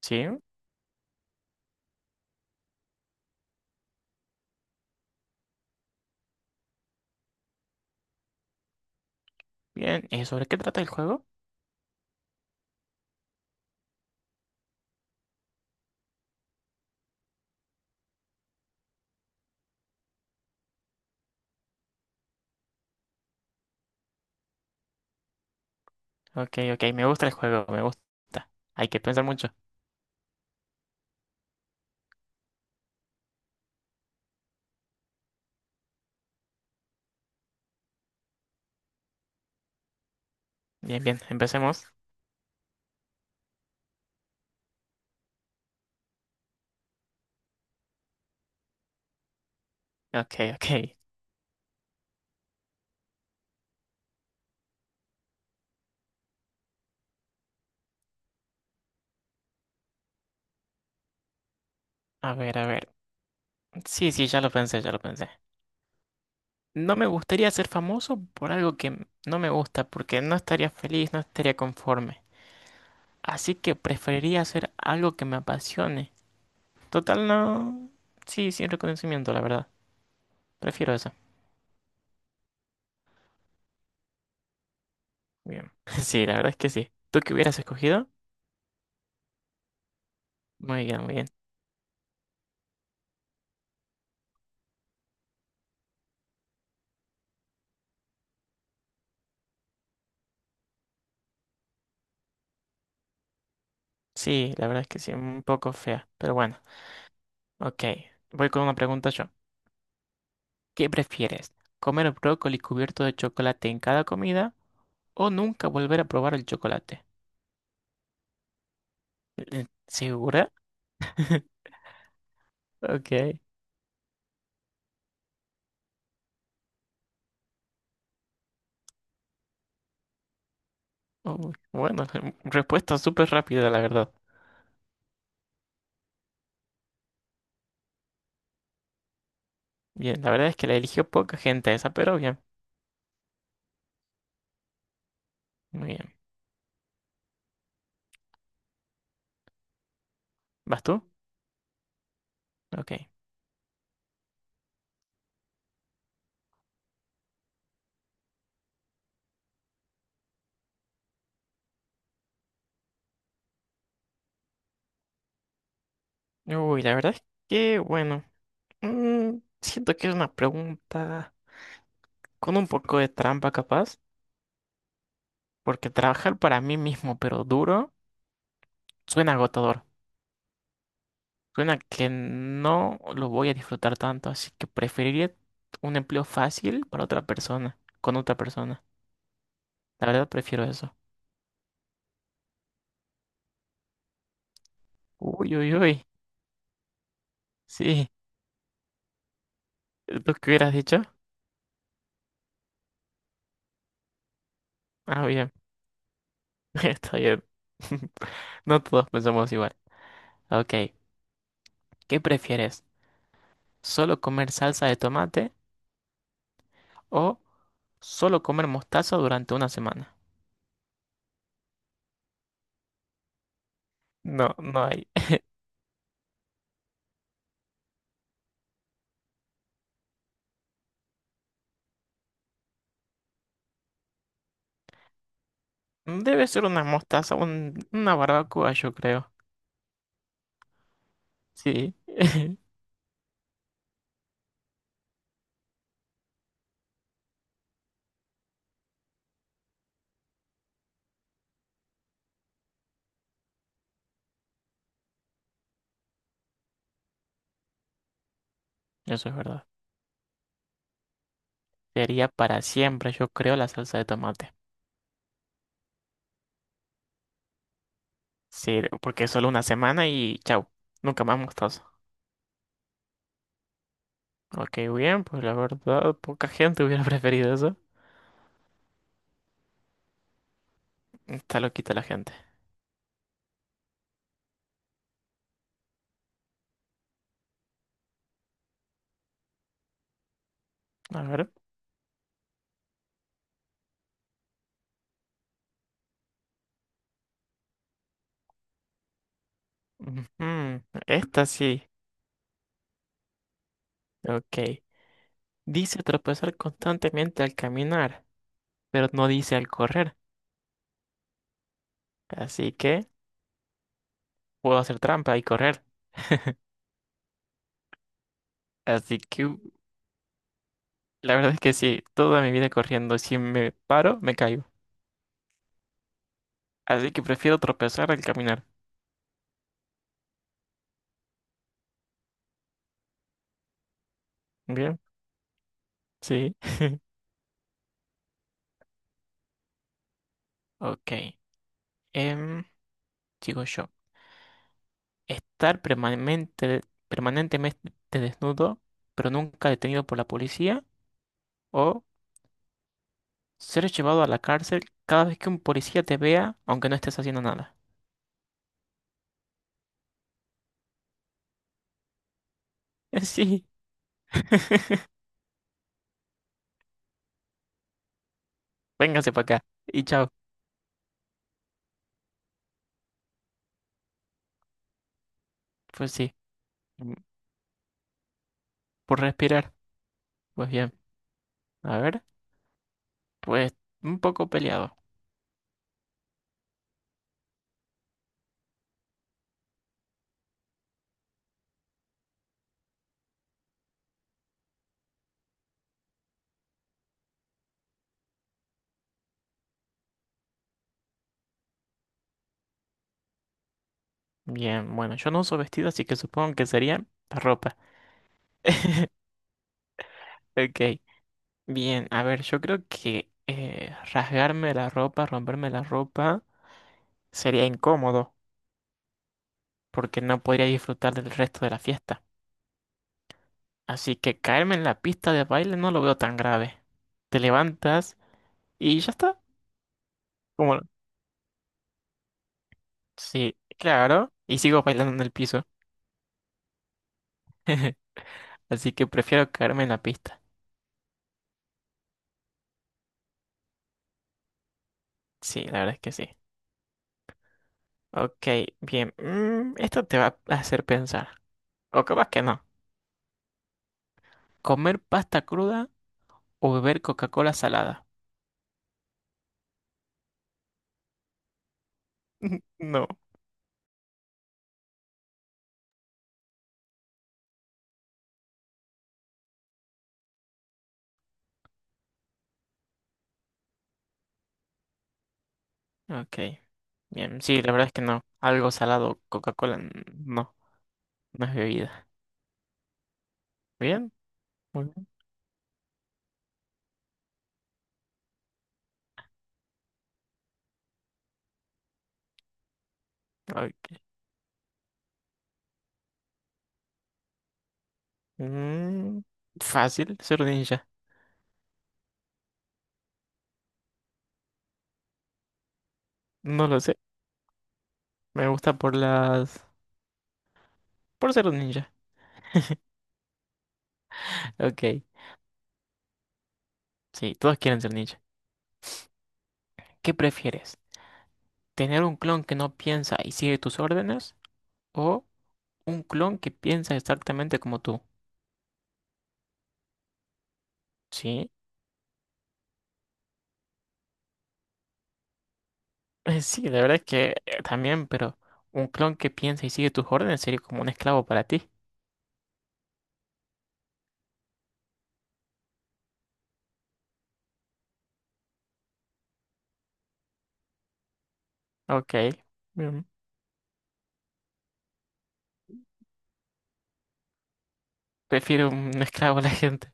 Sí, bien. ¿Y sobre qué trata el juego? Ok, ok, me gusta el juego, me gusta. Hay que pensar mucho. Bien, bien, empecemos. Ok, ok. A ver, a ver. Sí, sí, ya lo pensé, ya lo pensé. No me gustaría ser famoso por algo que no me gusta, porque no estaría feliz, no estaría conforme. Así que preferiría hacer algo que me apasione. Total, no. Sí, sin reconocimiento, la verdad. Prefiero eso. Bien. Sí, la verdad es que sí. ¿Tú qué hubieras escogido? Muy bien, muy bien. Sí, la verdad es que sí, un poco fea, pero bueno. Ok, voy con una pregunta yo. ¿Qué prefieres? ¿Comer brócoli cubierto de chocolate en cada comida o nunca volver a probar el chocolate? ¿Segura? Ok. Uy, bueno, respuesta súper rápida, la verdad. Bien, la verdad es que la eligió poca gente esa, pero bien. Muy bien. ¿Vas tú? Ok. Uy, la verdad es que, bueno, siento que es una pregunta con un poco de trampa capaz, porque trabajar para mí mismo, pero duro, suena agotador. Suena que no lo voy a disfrutar tanto, así que preferiría un empleo fácil para otra persona, con otra persona. La verdad prefiero eso. Uy, uy, uy. Sí, ¿tú qué hubieras dicho? Ah, bien, está bien. No todos pensamos igual. Ok, ¿qué prefieres? ¿Solo comer salsa de tomate o solo comer mostaza durante una semana? No, no hay. Debe ser una mostaza, una barbacoa, yo creo. Sí, eso es verdad. Sería para siempre, yo creo, la salsa de tomate. Sí, porque es solo una semana y chau, nunca más mostaza. Ok, bien, pues la verdad, poca gente hubiera preferido eso. Está loquita la gente. A ver. Ujú, esta sí. Ok. Dice tropezar constantemente al caminar, pero no dice al correr. Así que puedo hacer trampa y correr. Así que la verdad es que sí, toda mi vida corriendo, si me paro, me caigo. Así que prefiero tropezar al caminar. Bien, sí. Ok. em, Sigo yo. Estar permanente, permanentemente desnudo, pero nunca detenido por la policía. O ser llevado a la cárcel cada vez que un policía te vea, aunque no estés haciendo nada. Sí, véngase para acá. Y chao. Pues sí. Mm, por respirar. Pues bien. A ver. Pues un poco peleado. Bien, bueno, yo no uso vestido, así que supongo que sería la ropa. Ok. Bien, a ver, yo creo que rasgarme la ropa, romperme la ropa, sería incómodo, porque no podría disfrutar del resto de la fiesta. Así que caerme en la pista de baile no lo veo tan grave. Te levantas y ya está. Como, sí, claro, y sigo bailando en el piso. Así que prefiero caerme en la pista. Sí, la verdad es que sí. Ok, bien. Mm, esto te va a hacer pensar. O capaz que no. ¿Comer pasta cruda o beber Coca-Cola salada? No. Ok. Bien, sí, la verdad es que no. Algo salado, Coca-Cola, no, no es bebida. Bien, muy bien. Ok. Mm, fácil, ser un ninja. No lo sé. Me gusta por las... por ser un ninja. Ok. Sí, todos quieren ser ninja. ¿Qué prefieres? ¿Tener un clon que no piensa y sigue tus órdenes? ¿O un clon que piensa exactamente como tú? Sí. Sí, la verdad es que también, pero un clon que piensa y sigue tus órdenes sería como un esclavo para ti. Ok. Prefiero un esclavo a la gente.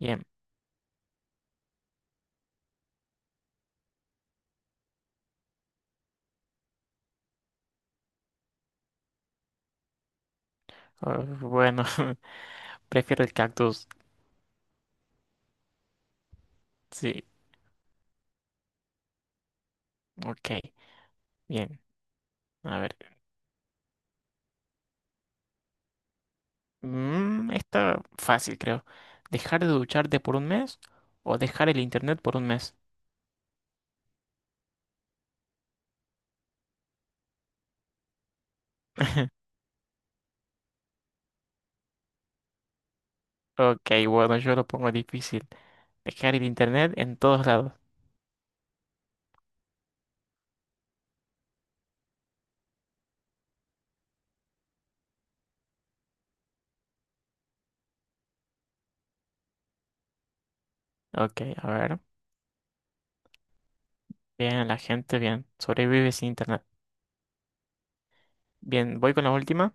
Bien. Ah, bueno, prefiero el cactus. Sí, ok. Bien. A ver. Mm, está fácil, creo. ¿Dejar de ducharte por un mes o dejar el internet por un mes? Ok, bueno, yo lo pongo difícil. Dejar el internet en todos lados. Ok, a ver. Bien, la gente, bien. Sobrevive sin internet. Bien, voy con la última.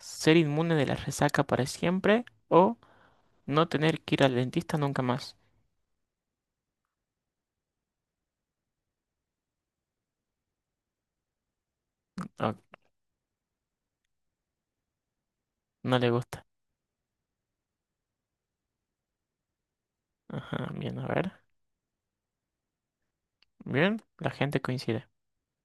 ¿Ser inmune de la resaca para siempre o no tener que ir al dentista nunca más? Ok, no le gusta. Ajá, bien, a ver. Bien, la gente coincide.